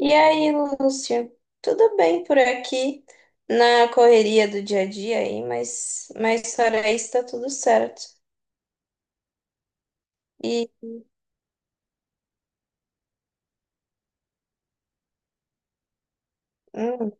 E aí, Lúcia? Tudo bem por aqui, na correria do dia a dia aí, mas, fora isso tá tudo certo. E, hum,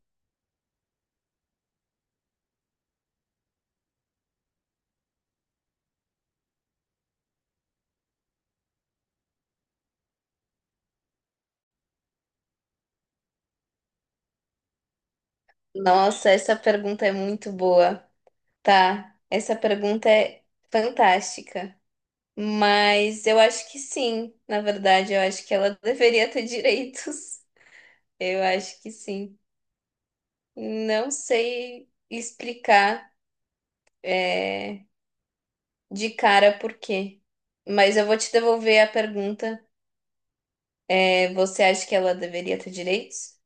Nossa, essa pergunta é muito boa, tá? Essa pergunta é fantástica. Mas eu acho que sim, na verdade, eu acho que ela deveria ter direitos. Eu acho que sim. Não sei explicar, é, de cara por quê. Mas eu vou te devolver a pergunta. Você acha que ela deveria ter direitos?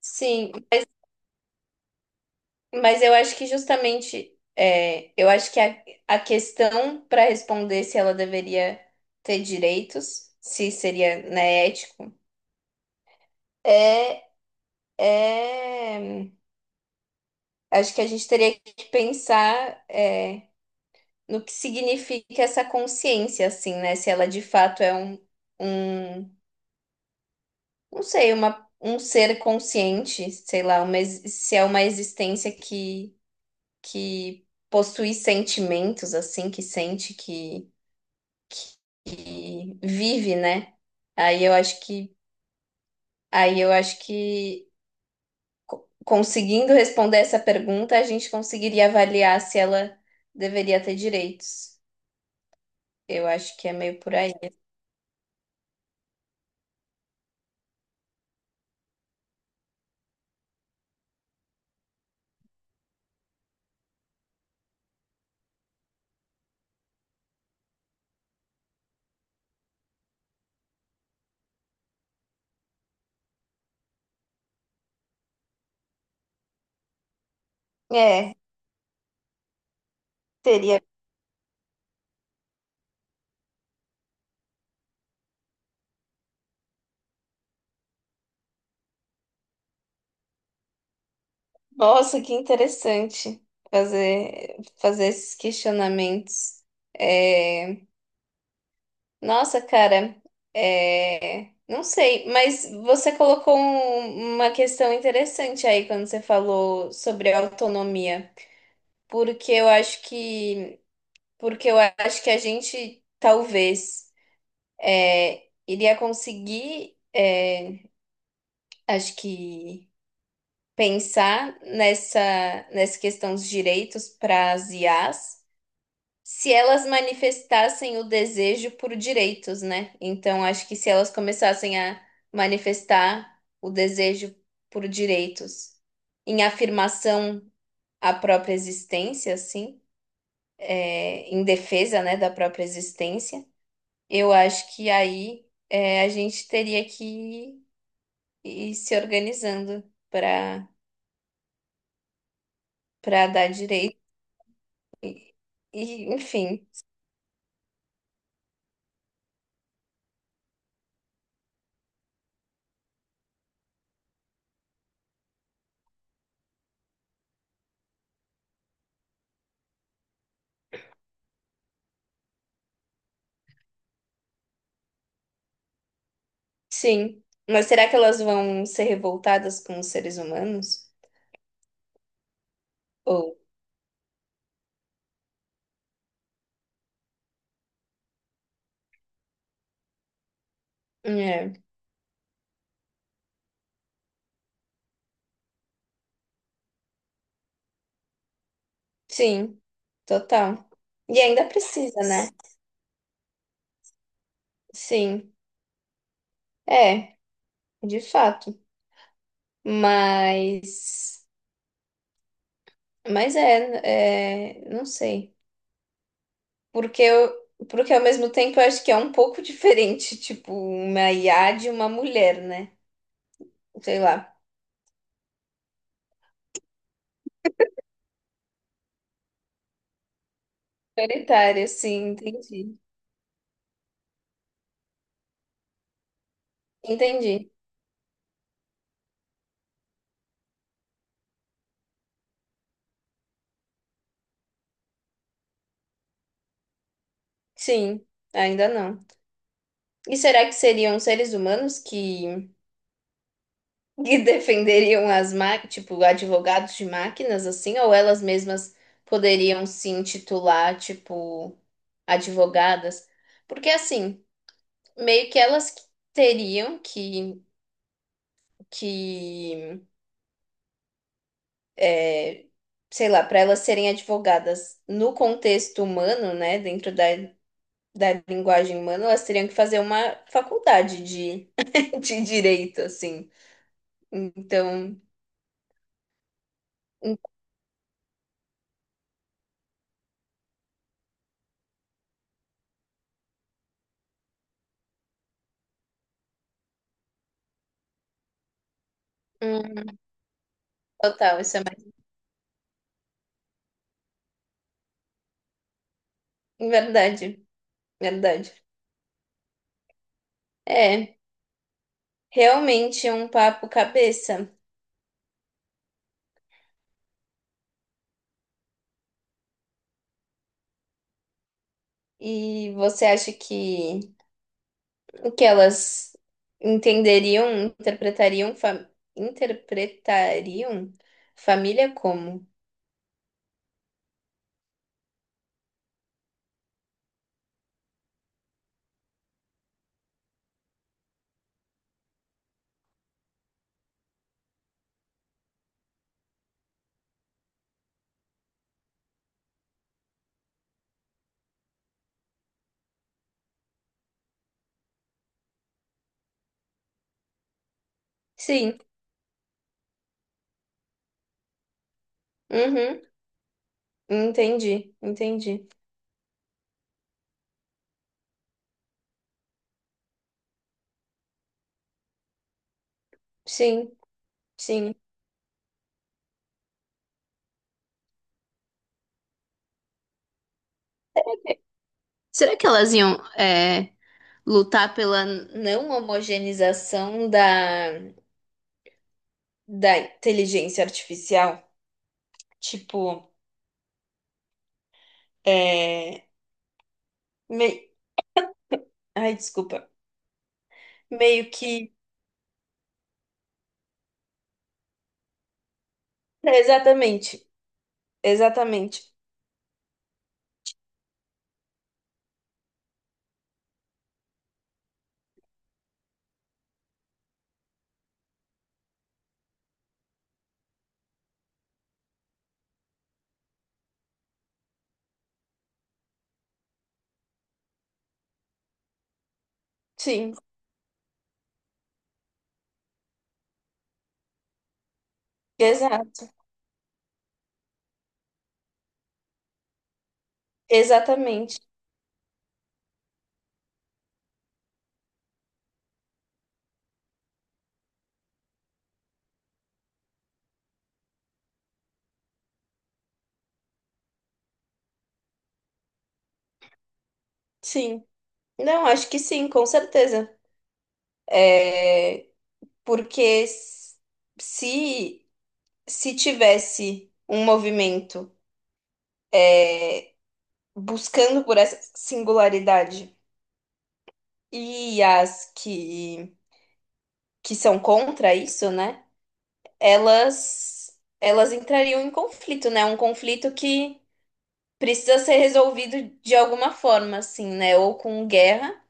Sim, mas eu acho que justamente, eu acho que a questão para responder se ela deveria ter direitos, se seria, né, ético, é, é, acho que a gente teria que pensar, no que significa essa consciência, assim, né? Se ela de fato é um, não sei, um ser consciente, sei lá, se é uma existência que possui sentimentos, assim, que sente, que vive, né? Aí eu acho que, aí eu acho que conseguindo responder essa pergunta, a gente conseguiria avaliar se ela deveria ter direitos. Eu acho que é meio por aí. É, teria. Nossa, que interessante fazer esses questionamentos. É. Nossa, cara, não sei, mas você colocou uma questão interessante aí quando você falou sobre autonomia, porque eu acho que, porque eu acho que a gente talvez, iria conseguir, acho que pensar nessa questão dos direitos para as IAs se elas manifestassem o desejo por direitos, né? Então, acho que se elas começassem a manifestar o desejo por direitos em afirmação à própria existência, assim, é, em defesa, né, da própria existência, eu acho que a gente teria que ir se organizando para para dar direito e, enfim, sim. Mas será que elas vão ser revoltadas com os seres humanos? Ou, é, sim, total. E ainda precisa, né? Sim, é, de fato. Mas, mas não sei. Porque eu, porque ao mesmo tempo eu acho que é um pouco diferente, tipo, uma IA de uma mulher, né? Sei lá. Solitária, sim, entendi. Entendi. Sim, ainda não. E será que seriam seres humanos que defenderiam as máquinas, tipo, advogados de máquinas, assim, ou elas mesmas poderiam se intitular, tipo, advogadas? Porque, assim, meio que elas que teriam que é, sei lá, para elas serem advogadas no contexto humano, né, dentro da linguagem humana, elas teriam que fazer uma faculdade de, de direito, assim. Então, hum, total, isso é verdade. Verdade. É, realmente é um papo cabeça. E você acha que o que elas entenderiam, interpretariam, fa- interpretariam família como? Sim. Uhum. Entendi, entendi. Sim, sim. Será que elas iam, lutar pela não homogeneização da inteligência artificial? Tipo, é... mei- ai, desculpa. Meio que, exatamente, exatamente. Sim, exato, exatamente. Sim. Não, acho que sim, com certeza. É, porque s- se se tivesse um movimento buscando por essa singularidade e as que são contra isso, né? Elas entrariam em conflito, né? Um conflito que precisa ser resolvido de alguma forma, assim, né? Ou com guerra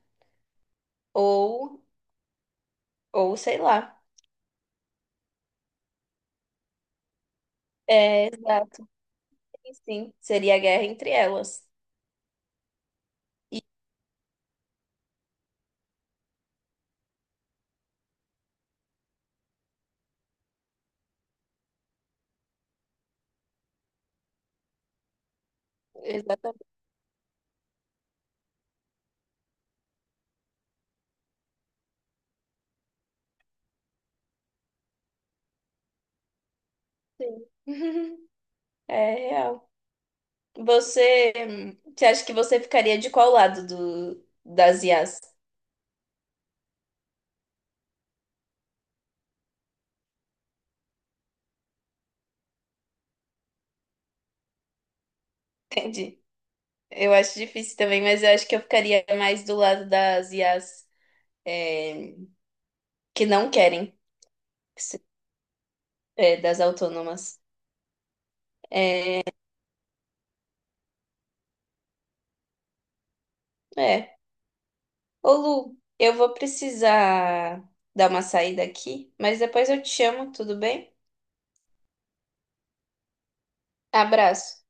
ou Ou sei lá. É, exato. Sim, sim. Seria a guerra entre elas. Exatamente. Sim. É real. Você, você acha que você ficaria de qual lado das IAs? Entendi. Eu acho difícil também, mas eu acho que eu ficaria mais do lado das IAs, é, que não querem, que se- é, das autônomas. É. Ô, Lu, eu vou precisar dar uma saída aqui, mas depois eu te chamo, tudo bem? Abraço.